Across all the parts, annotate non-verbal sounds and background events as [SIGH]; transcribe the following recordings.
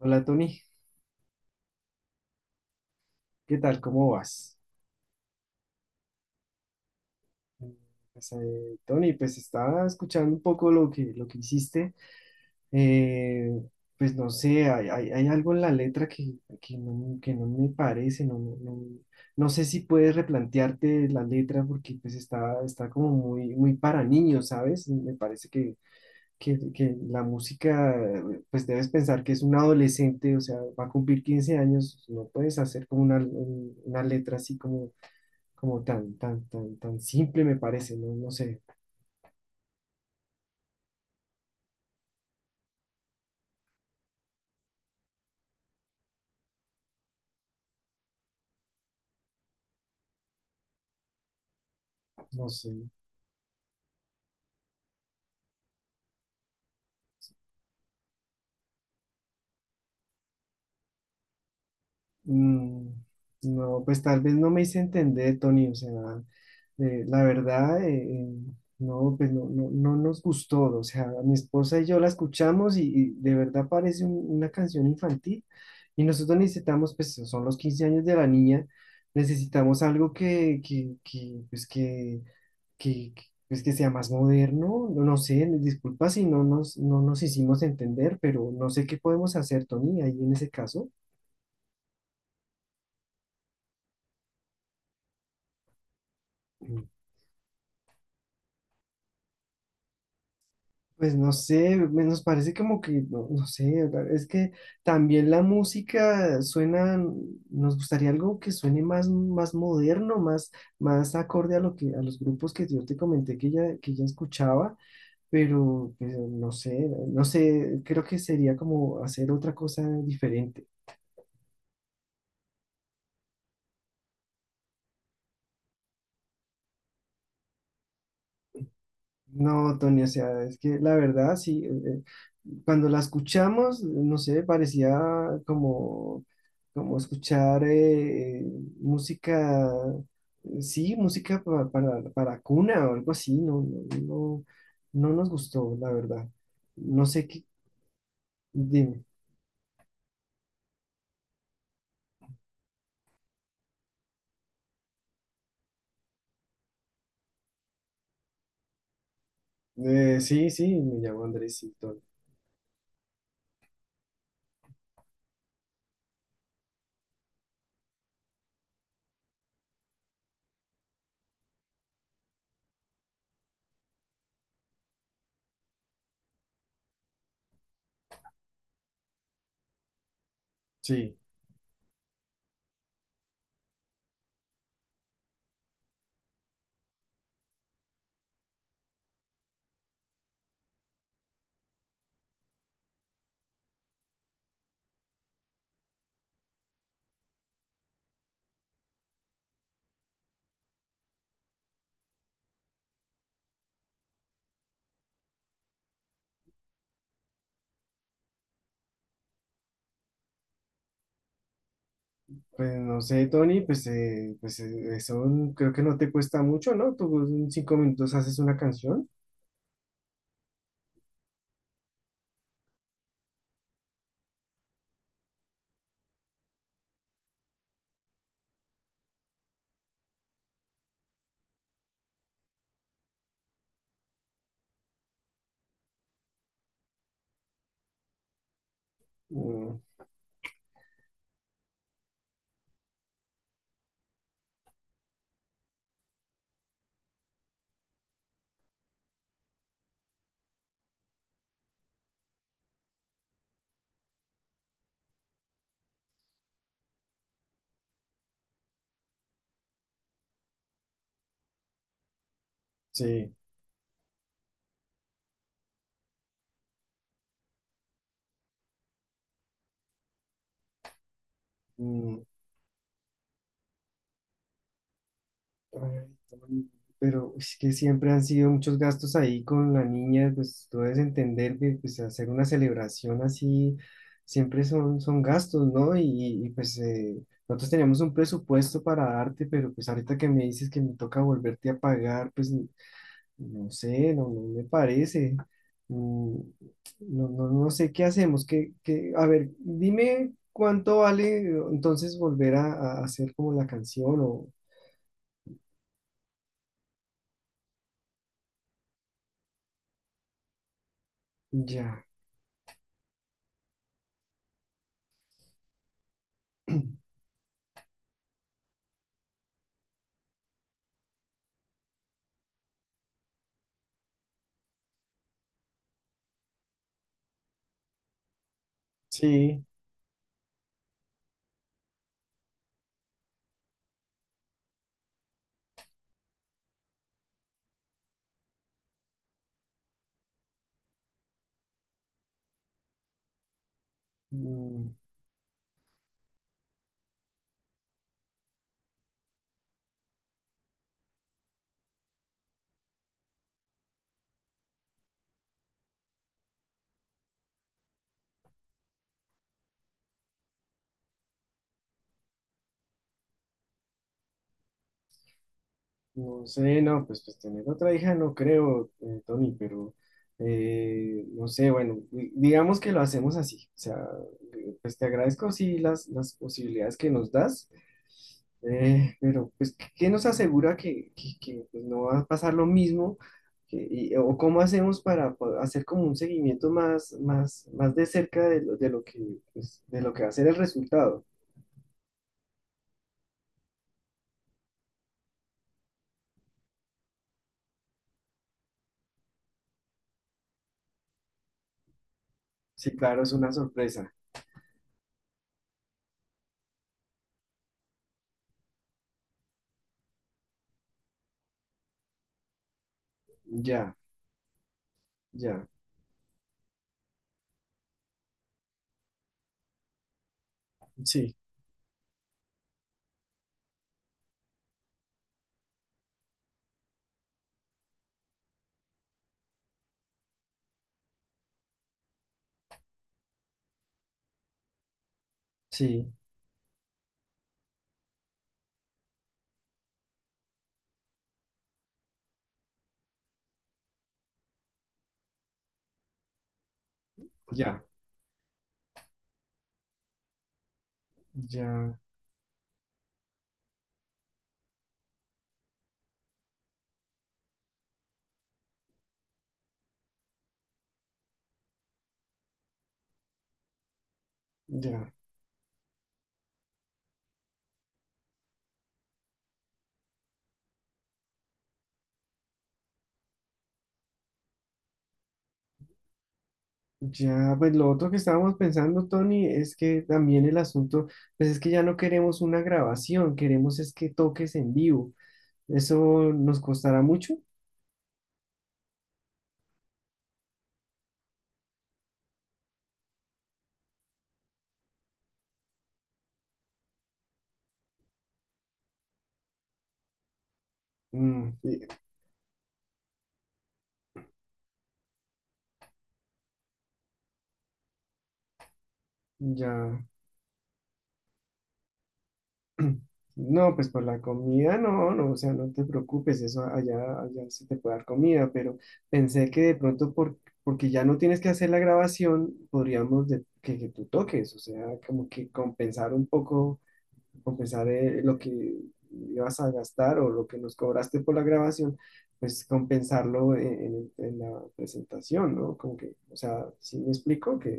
Hola Tony, ¿qué tal? ¿Cómo vas? Eh, pues, Tony, pues estaba escuchando un poco lo que hiciste. Eh, pues no sé, hay algo en la letra que no me parece, no sé si puedes replantearte la letra porque pues está como muy, muy para niños, ¿sabes? Me parece que la música, pues debes pensar que es un adolescente, o sea, va a cumplir 15 años, no puedes hacer como una letra así como tan simple me parece, no, no sé. Mm, no, pues tal vez no me hice entender, Tony, o sea, la verdad, no, pues no nos gustó, o sea, mi esposa y yo la escuchamos y de verdad parece una canción infantil y nosotros necesitamos, pues son los 15 años de la niña, necesitamos algo que sea más moderno, no, no sé, disculpa si no nos hicimos entender, pero no sé qué podemos hacer, Tony, ahí en ese caso. Mm. Pues no sé, nos parece como que, no, no sé, es que también la música suena, nos gustaría algo que suene más, más moderno, más, más acorde a a los grupos que yo te comenté que ya escuchaba, pero pues, no sé, creo que sería como hacer otra cosa diferente. No, Tony, o sea, es que la verdad, sí, cuando la escuchamos, no sé, parecía como escuchar música, sí, música para, cuna o algo así, no, no nos gustó, la verdad. No sé qué, dime. Sí, sí, me llamo Andrés, sí, Tony. Sí. Pues no sé, Tony, pues, eso creo que no te cuesta mucho, ¿no? Tú en 5 minutos haces una canción. Mm, sí. Mm, ay, Tony, pero es que siempre han sido muchos gastos ahí con la niña, pues tú debes entender que pues, hacer una celebración así siempre son gastos, ¿no? Y, pues nosotros teníamos un presupuesto para darte, pero pues ahorita que me dices que me toca volverte a pagar, pues no sé, no me parece. Mm, No, no, no sé qué hacemos. A ver, dime cuánto vale entonces volver a hacer como la canción o ya. Sí. No sé, no, pues tener otra hija no creo, Tony, pero no sé, bueno, digamos que lo hacemos así, o sea, pues te agradezco sí las posibilidades que nos das, pero pues, qué nos asegura no va a pasar lo mismo? O cómo hacemos para hacer como un seguimiento más, más, más de cerca de lo que va a ser el resultado? Sí, claro, es una sorpresa. Ya, ya, sí, sí, ya, ya, ya, ya. Pues lo otro que estábamos pensando, Tony, es que también el asunto, pues es que ya no queremos una grabación, queremos es que toques en vivo. ¿Eso nos costará mucho? Mm, ya. [CLEARS THROAT] No, pues por la comida no, no, o sea, no te preocupes, eso allá se te puede dar comida, pero pensé que de pronto porque ya no tienes que hacer la grabación, podríamos que tú toques, o sea, como que compensar un poco, compensar lo que ibas a gastar o lo que nos cobraste por la grabación, pues compensarlo en la presentación, ¿no? Como que, o sea, sí me explico que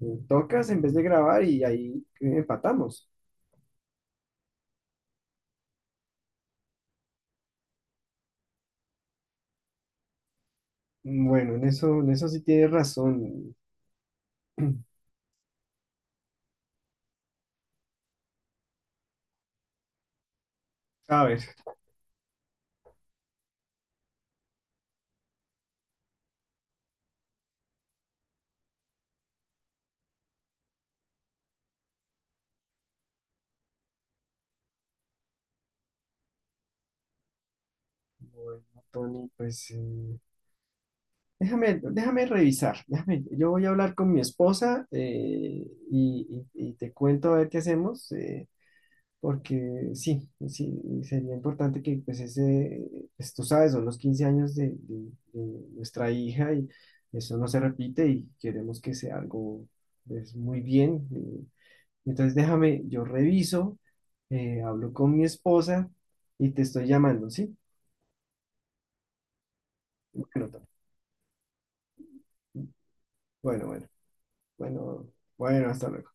tocas en vez de grabar y ahí empatamos. Bueno, en eso sí tienes razón. [CLEARS THROAT] A ver, bueno, Tony, pues déjame, revisar. Déjame, yo voy a hablar con mi esposa y, y te cuento a ver qué hacemos, porque sí, sí, sería importante que pues ese, pues, tú sabes, son los 15 años de, de nuestra hija y eso no se repite y queremos que sea algo pues, muy bien. Entonces déjame, yo reviso, hablo con mi esposa y te estoy llamando, ¿sí? Bueno, bueno, bueno, bueno, bueno, hasta luego.